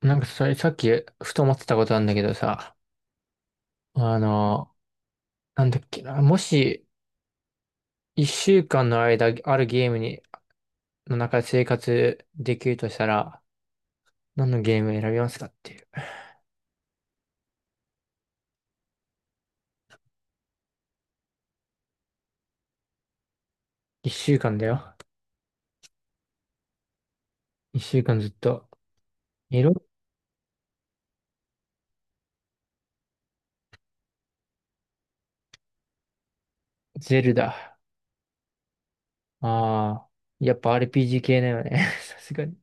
なんかそれさっきふと思ってたことなんだけどさ、あの、なんだっけな、もし一週間の間あるゲームに、の中で生活できるとしたら、何のゲームを選びますかっていう。一週間だよ。一週間ずっと。エロゼルダ。ああ、やっぱ RPG 系だよね。さすがに。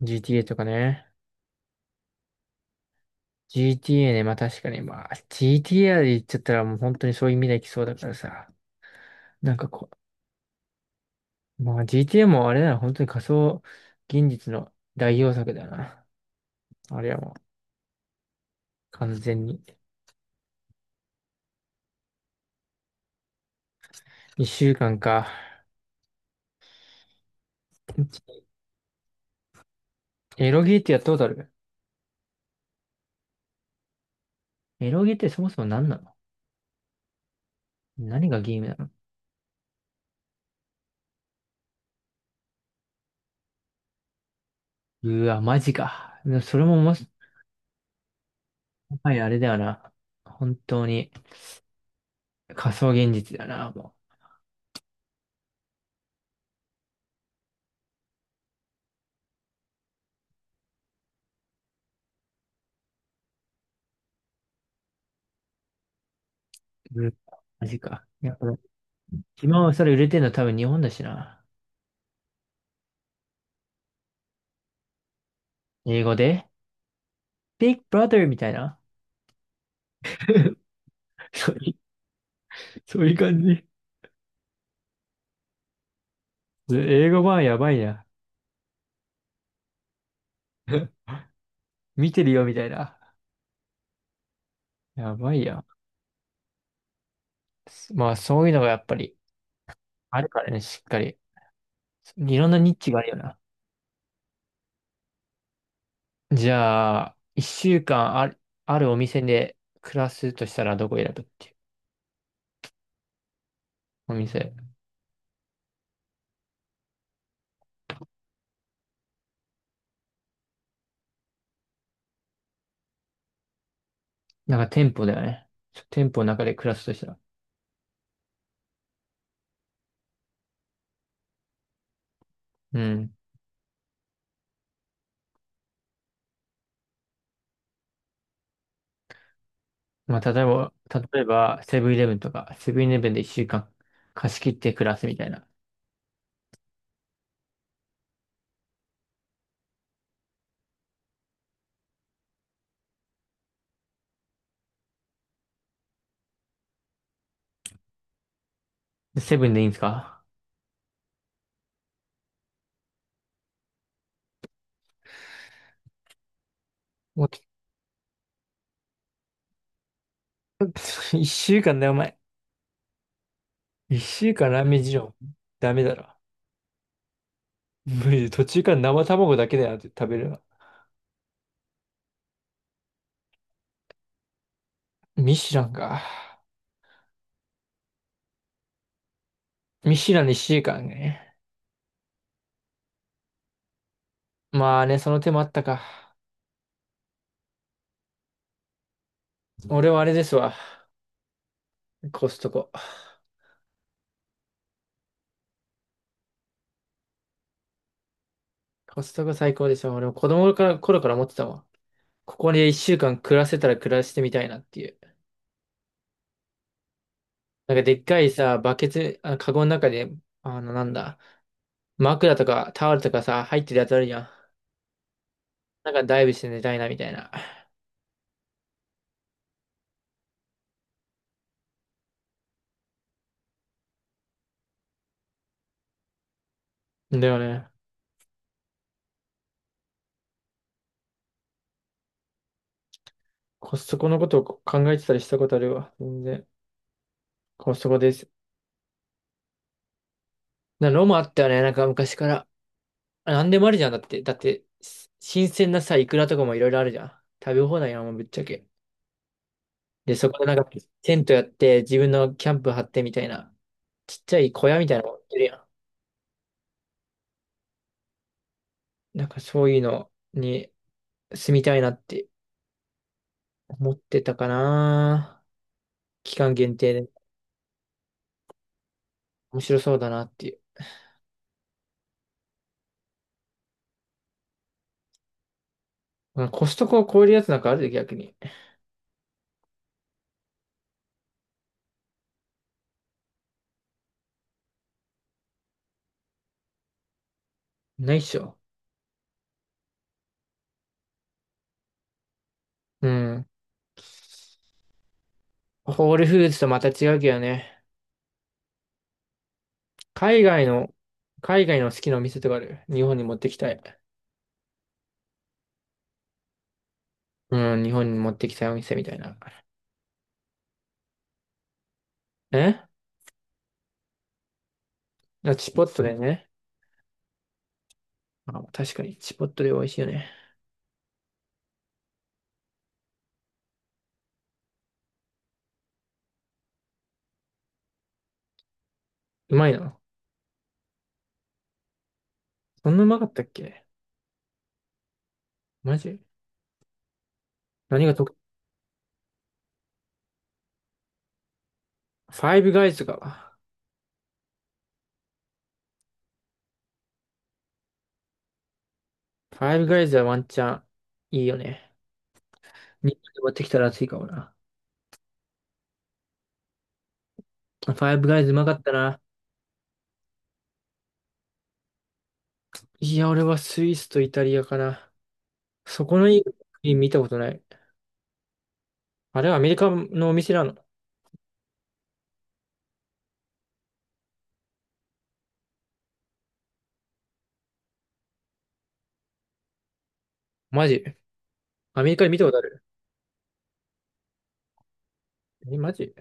GTA とかね。GTA ね、まあ確かに、まあ GTA で言っちゃったらもう本当にそういう未来来そうだからさ。なんかこまあ GTA もあれだな、本当に仮想現実の代表作だよな。あれはもう完全に。一週間か。エロゲーってやったことある？エロゲーってそもそも何なの？何がゲームなの？うわ、マジか。でもそれももし、もはりあれだよな。本当に仮想現実だな、もう。うわマジか。いや、これ今はそれ売れてるの多分日本だしな。英語で Big Brother みたいな。そういそういう感じ。英語版やばいな。見てるよ、みたいな。やばいや、まあ、そういうのがやっぱりあるからね、しっかり。いろんなニッチがあるよな。じゃあ、一週間ある、あるお店で暮らすとしたらどこ選ぶっていう。お店。なんか店舗だよね。店舗の中で暮らすとしたら。うん。まあ、例えば、セブンイレブンとか、セブンイレブンで一週間貸し切って暮らすみたいな。セブンでいいんですか？もう、一週間だよ、お前。一週間ラーメン事情。ダメだろ。無理、途中から生卵だけだよって食べるの。ミシュランか。ミシュランに1時間ね。まあね、その手もあったか。俺はあれですわ。コストコ。コストコ最高ですよ。俺も子供から、頃から思ってたわ。ここで1週間暮らせたら暮らしてみたいなっていう。なんかでっかいさ、バケツ、あ、カゴの中で、なんだ、枕とかタオルとかさ、入ってるやつあるじゃん。なんかダイブして寝たいなみたいな。だよね。コストコのことを考えてたりしたことあるわ。全然。コストコです。なのもあったよね。なんか昔から。あなんでもあるじゃん。だって、し新鮮なさ、イクラとかもいろいろあるじゃん。食べ放題やもん、ぶっちゃけ。で、そこでなんか、テントやって、自分のキャンプ張ってみたいな、ちっちゃい小屋みたいなの持ってるやん。なんかそういうのに住みたいなって思ってたかな。期間限定で面白そうだなっていう。まあコストコを超えるやつなんかあるで、逆に。ないっしょ。うん。ホールフーズとまた違うけどね。海外の、海外の好きなお店とかある日本に持ってきたい。うん、日本に持ってきたいお店みたいな。えあチポットでね。あ、確かに、チポットで美味しいよね。うまいな。そんなうまかったっけ？マジ？何がと、ファイブガイズか。ファイブガイズはワンチャンいいよね。日本に持ってきたら熱いかもな。ファイブガイズうまかったな。いや、俺はスイスとイタリアかな。そこのいい国見たことない。あれはアメリカのお店なの？マジ？アメリカで見たことある？え、マジ？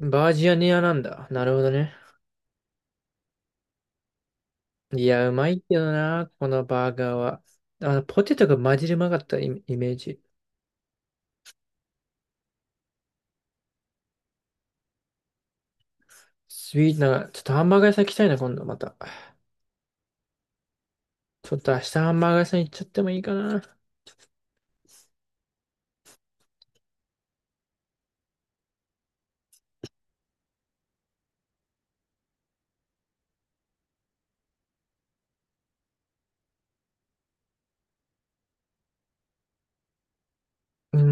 バージニアなんだ。なるほどね。いや、うまいけどな、このバーガーは。ポテトが混じりうまかったイメージ。スイーツな、ちょっとハンバーガー屋さん行きたいな、今度また。ちょっと明日ハンバーガー屋さん行っちゃってもいいかな。うー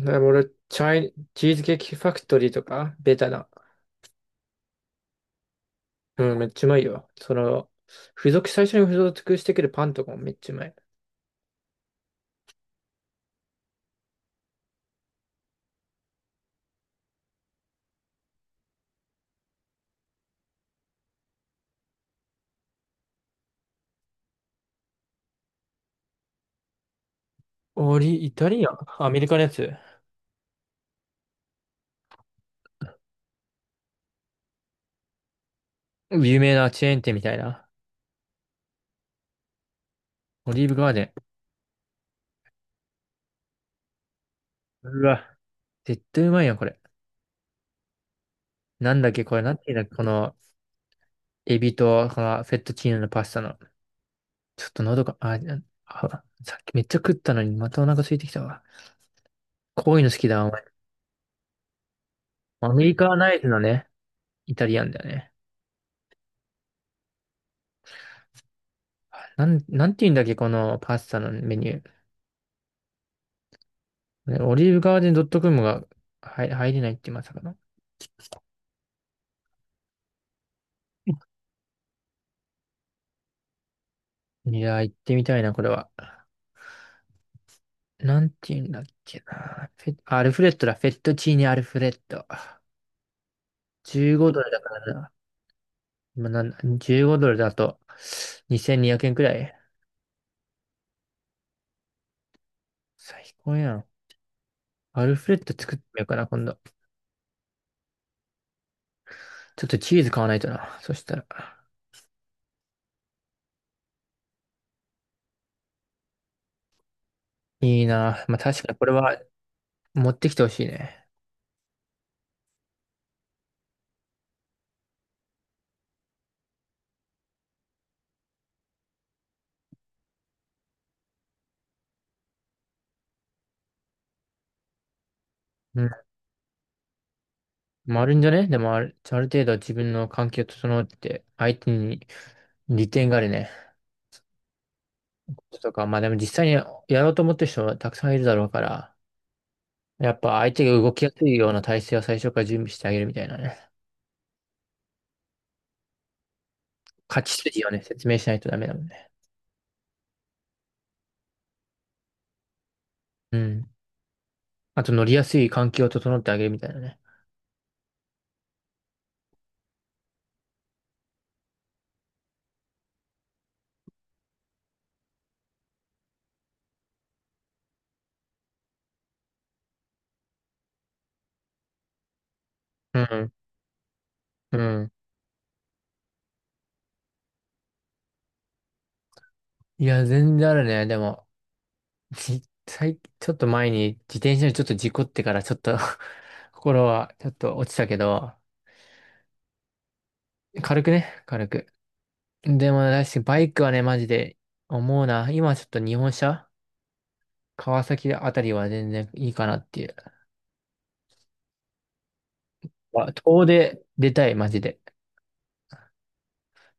ん、でも俺、チャイ、チーズケーキファクトリーとか、ベタな。うん、めっちゃうまいよ。その、付属、最初に付属してくるパンとかもめっちゃうまい。イタリアンアメリカのやつ有名なチェーン店みたいな。オリーブガーデン。うわ、絶対うまいやん、これ。なんだっけ、これ、なんていうんだっけ、この、エビと、このフェットチーノのパスタの。ちょっと喉が、あ、あ、さっきめっちゃ食ったのに、またお腹空いてきたわ。こういうの好きだ、お前。アメリカナイズのね、イタリアンだよね。なんていうんだっけ、このパスタのメニュー。ねオリーブガーデンドットコムが入れないってまさかの。いやー、行ってみたいな、これは。なんていうんだっけな。アルフレッドだ、フェットチーニアルフレッド。15ドルだからな。まあ、なん、15ドルだと2200円くえんくらい。最高やん。アルフレッド作ってみようかな、今度。ちょっとチーズ買わないとな。そしたら。いいな。まあ、確かにこれは持ってきてほしいね。うん。まあ、あるんじゃね？でもある程度自分の関係を整って、相手に利点があるね。とか、まあでも実際にやろうと思ってる人はたくさんいるだろうから、やっぱ相手が動きやすいような体制を最初から準備してあげるみたいなね。勝ち筋をね、説明しないとダメだもんね。うん。あと乗りやすい環境を整ってあげるみたいなね。うん、うん。いや、全然あるね。でも、実際、ちょっと前に自転車にちょっと事故ってからちょっと 心はちょっと落ちたけど、軽く。でも、確かにバイクはね、マジで思うな。今ちょっと日本車川崎あたりは全然いいかなっていう。あ遠出出たい、マジで。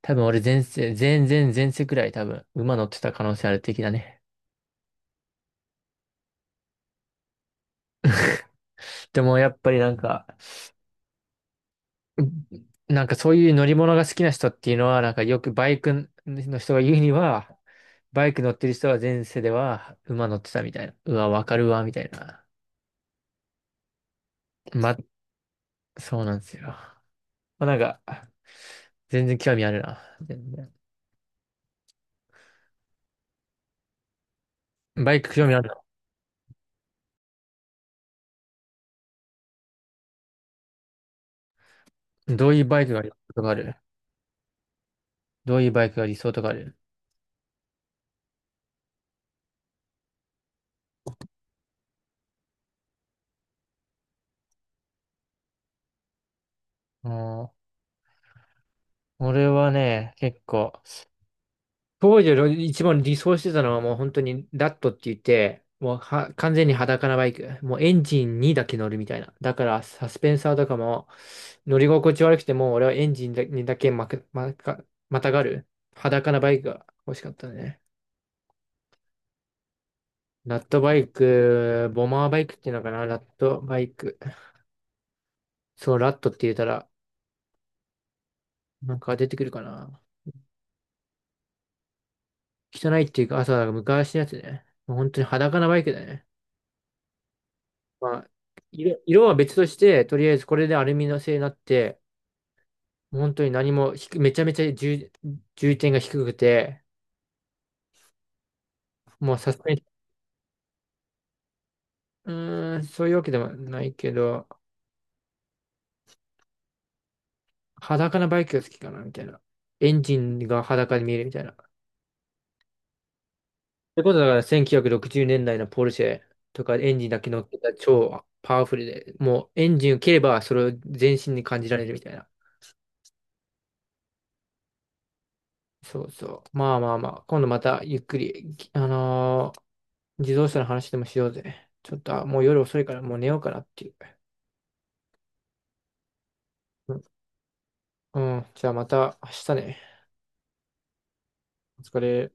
多分俺前世、前前前世くらい多分馬乗ってた可能性ある的だね。でもやっぱりなんか、なんかそういう乗り物が好きな人っていうのは、なんかよくバイクの人が言うには、バイク乗ってる人は前世では馬乗ってたみたいな。うわ、わかるわ、みたいな。ま、そうなんですよ。あ、なんか、全然興味あるな。全然バイク興味ある？のどういうバイクが理想とかあるどういうバイクが理想とかあるうん俺はね、結構、当時の一番理想してたのはもう本当にラットって言って、もうは完全に裸なバイク。もうエンジンにだけ乗るみたいな。だからサスペンサーとかも乗り心地悪くてもう俺はエンジンにだけまく、まか、またがる裸なバイクが欲しかったね。ラットバイク、ボマーバイクっていうのかなラットバイク。そう、ラットって言ったらなんか出てくるかな。汚いっていうか、あ、そうだ、昔のやつね。もう本当に裸なバイクだね。まあ、色は別として、とりあえずこれでアルミの製になって、本当に何も低めちゃめちゃ重点が低くて、もうさすがに、うーん、そういうわけでもないけど、裸なバイクが好きかな、みたいな。エンジンが裸で見えるみたいな。そいうことだから1960年代のポルシェとかエンジンだけ乗ってた超パワフルで、もうエンジンを切ればそれを全身に感じられるみたいな。そうそう。まあまあまあ、今度またゆっくり、自動車の話でもしようぜ。ちょっと、あ、もう夜遅いからもう寝ようかなっていう。ううんじゃあまた明日ね。お疲れ。